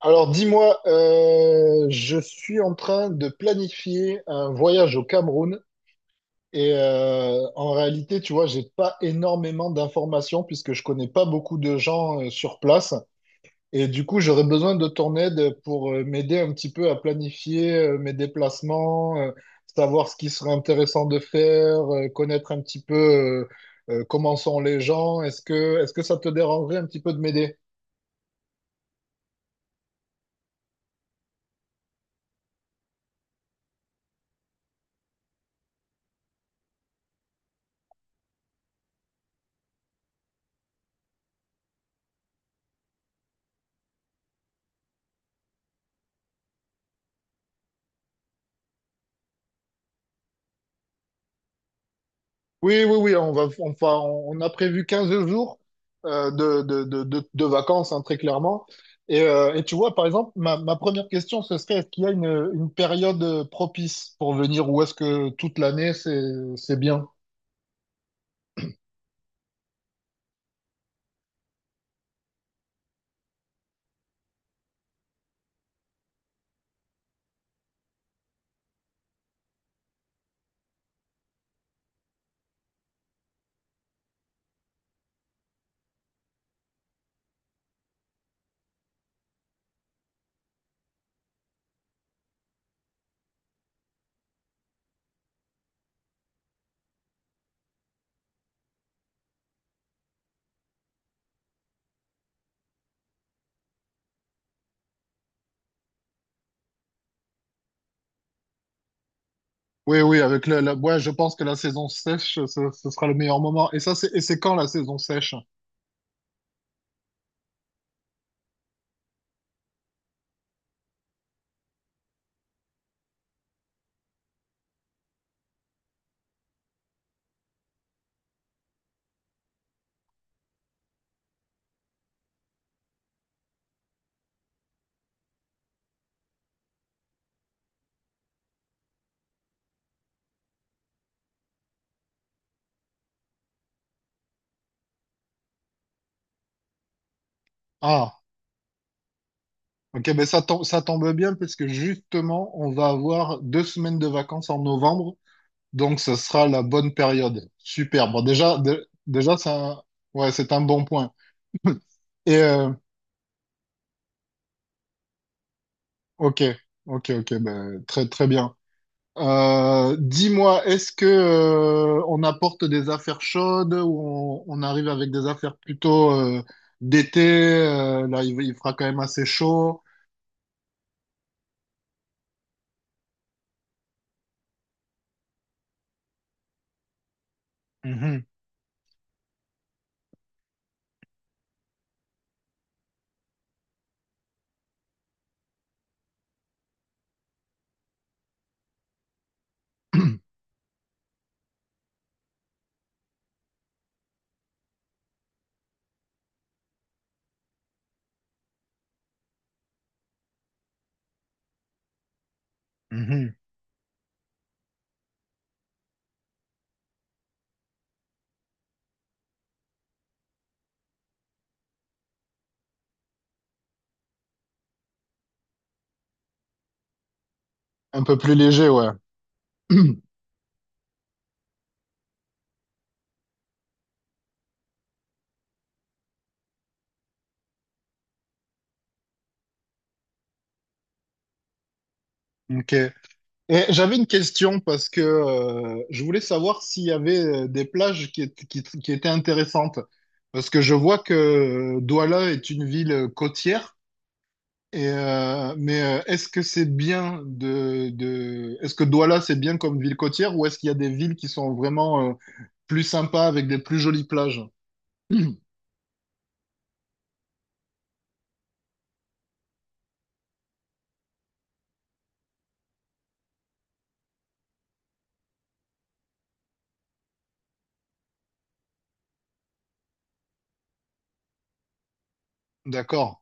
Alors dis-moi, je suis en train de planifier un voyage au Cameroun et en réalité, tu vois, j'ai pas énormément d'informations puisque je connais pas beaucoup de gens sur place et du coup, j'aurais besoin de ton aide pour m'aider un petit peu à planifier mes déplacements, savoir ce qui serait intéressant de faire, connaître un petit peu comment sont les gens. Est-ce que ça te dérangerait un petit peu de m'aider? Oui, oui, oui, on a prévu 15 jours de vacances, hein, très clairement. Et tu vois, par exemple, ma première question, ce serait, est-ce qu'il y a une période propice pour venir, ou est-ce que toute l'année, c'est bien? Oui, oui, avec ouais, je pense que la saison sèche, ce sera le meilleur moment. Et ça, c'est, et c'est quand la saison sèche? Ah, ok, ben ça tombe bien parce que justement, on va avoir 2 semaines de vacances en novembre. Donc, ce sera la bonne période. Super. Bon, déjà, c'est un, ouais, c'est un bon point. Et, ok, ok, ok, ben, très, très bien. Dis-moi, est-ce que, on apporte des affaires chaudes, ou on arrive avec des affaires plutôt, d'été? Là, il fera quand même assez chaud. Mhm. Mhm. Un peu plus léger, ouais. Ok. Et j'avais une question parce que je voulais savoir s'il y avait des plages qui, qui étaient intéressantes. Parce que je vois que Douala est une ville côtière. Et, mais est-ce que c'est bien de... Est-ce que Douala, c'est bien comme ville côtière, ou est-ce qu'il y a des villes qui sont vraiment plus sympas, avec des plus jolies plages? D'accord.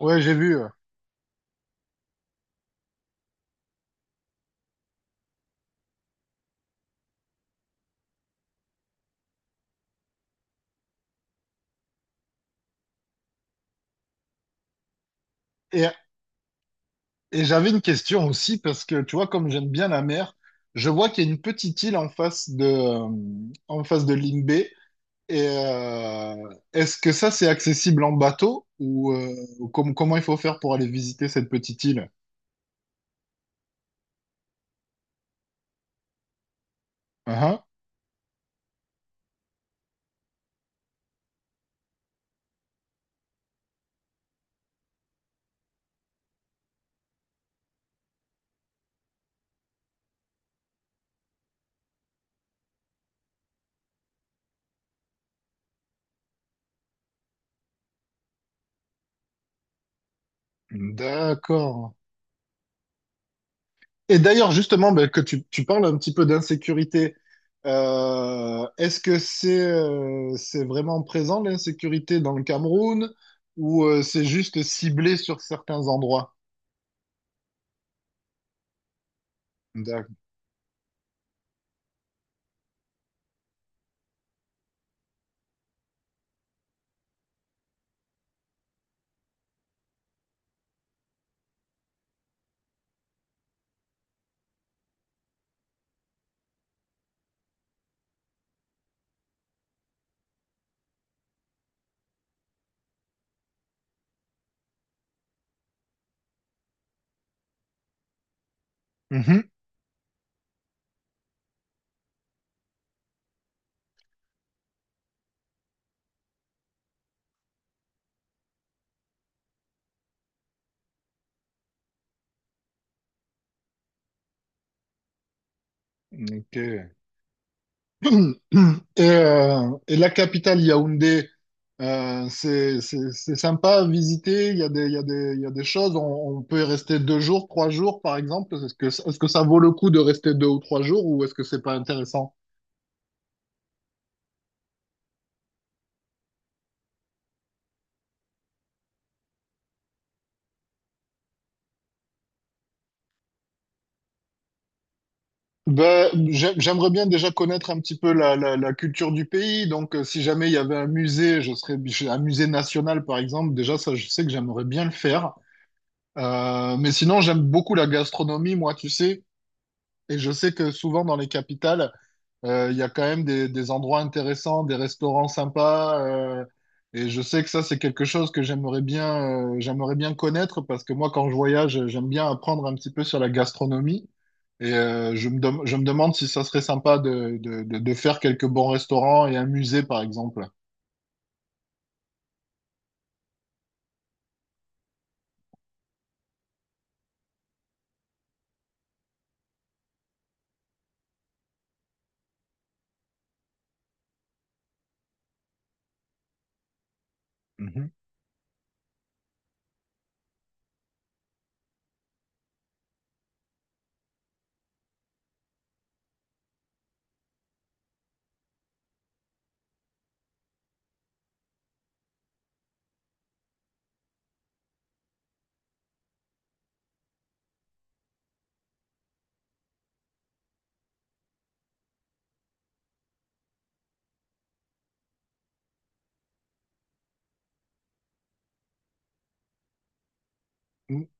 Ouais, j'ai vu. Et, Et j'avais une question aussi, parce que tu vois, comme j'aime bien la mer, je vois qu'il y a une petite île en face de Limbé. Et est-ce que ça, c'est accessible en bateau, ou comment il faut faire pour aller visiter cette petite île? Ah, ah. D'accord. Et d'ailleurs, justement, ben, que tu parles un petit peu d'insécurité, est-ce que c'est vraiment présent, l'insécurité dans le Cameroun, ou c'est juste ciblé sur certains endroits? Mhm. Ok. Et la capitale Yaoundé, c'est sympa à visiter. Il y a des, il y a des, il y a des choses. On peut y rester deux jours, trois jours, par exemple. Est-ce que ça vaut le coup de rester deux ou trois jours, ou est-ce que c'est pas intéressant? Ben, j'aimerais bien déjà connaître un petit peu la culture du pays. Donc, si jamais il y avait un musée, un musée national, par exemple. Déjà, ça, je sais que j'aimerais bien le faire. Mais sinon, j'aime beaucoup la gastronomie, moi, tu sais. Et je sais que souvent dans les capitales, il y a quand même des endroits intéressants, des restaurants sympas. Et je sais que ça, c'est quelque chose que j'aimerais bien connaître, parce que moi, quand je voyage, j'aime bien apprendre un petit peu sur la gastronomie. Et je me demande si ça serait sympa de faire quelques bons restaurants et un musée, par exemple.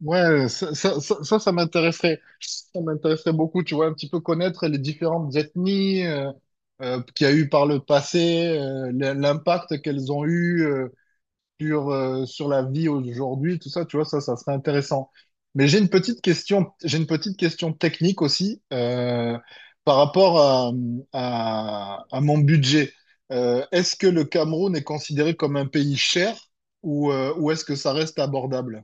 Ouais, ça m'intéresserait. Ça m'intéresserait beaucoup, tu vois, un petit peu connaître les différentes ethnies qu'il y a eu par le passé, l'impact qu'elles ont eu sur, sur la vie aujourd'hui, tout ça, tu vois, ça serait intéressant. Mais j'ai une petite question, j'ai une petite question technique aussi par rapport à, à mon budget. Est-ce que le Cameroun est considéré comme un pays cher, ou est-ce que ça reste abordable?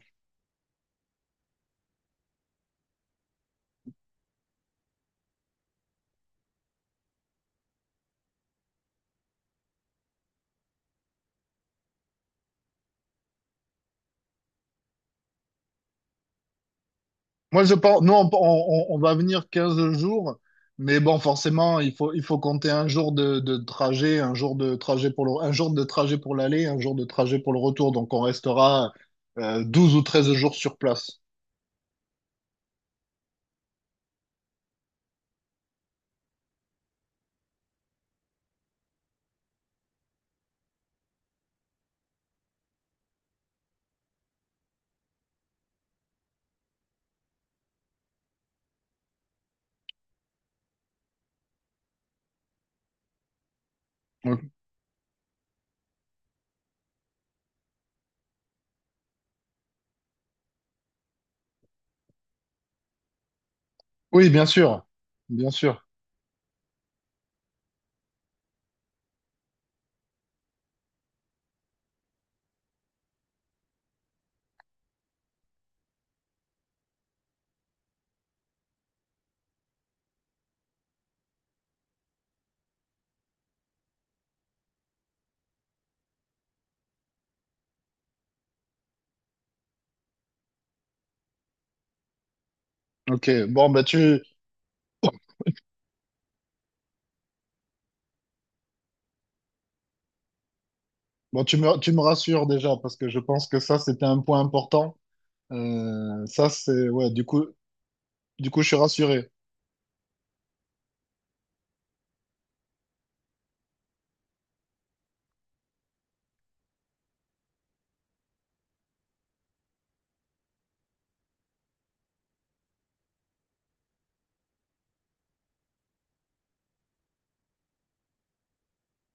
Moi, je pense, nous, on va venir 15 jours, mais bon, forcément, il faut compter un jour de trajet, un jour de trajet pour le, un jour de trajet pour l'aller, un jour de trajet pour le retour. Donc, on restera 12 ou 13 jours sur place. Donc, oui, bien sûr. Bien sûr. OK. Bon, bah, bon, tu me rassures déjà, parce que je pense que ça, c'était un point important. Ça, c'est, ouais, du coup, je suis rassuré.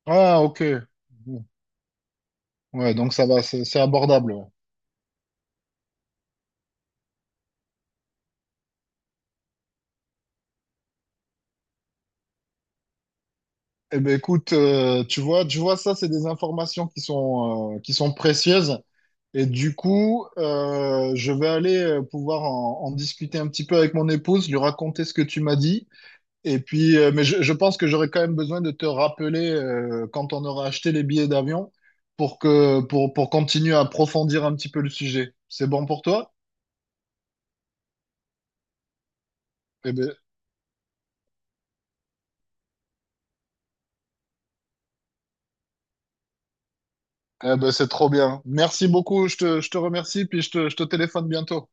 Ah, OK. Bon. Ouais, donc ça va, c'est abordable. Ouais. Eh ben écoute, tu vois, ça, c'est des informations qui sont précieuses. Et du coup, je vais aller pouvoir en, en discuter un petit peu avec mon épouse, lui raconter ce que tu m'as dit. Et puis, mais je pense que j'aurai quand même besoin de te rappeler quand on aura acheté les billets d'avion, pour que pour continuer à approfondir un petit peu le sujet. C'est bon pour toi? Eh ben, eh ben, c'est trop bien. Merci beaucoup. Je te remercie, puis je te téléphone bientôt.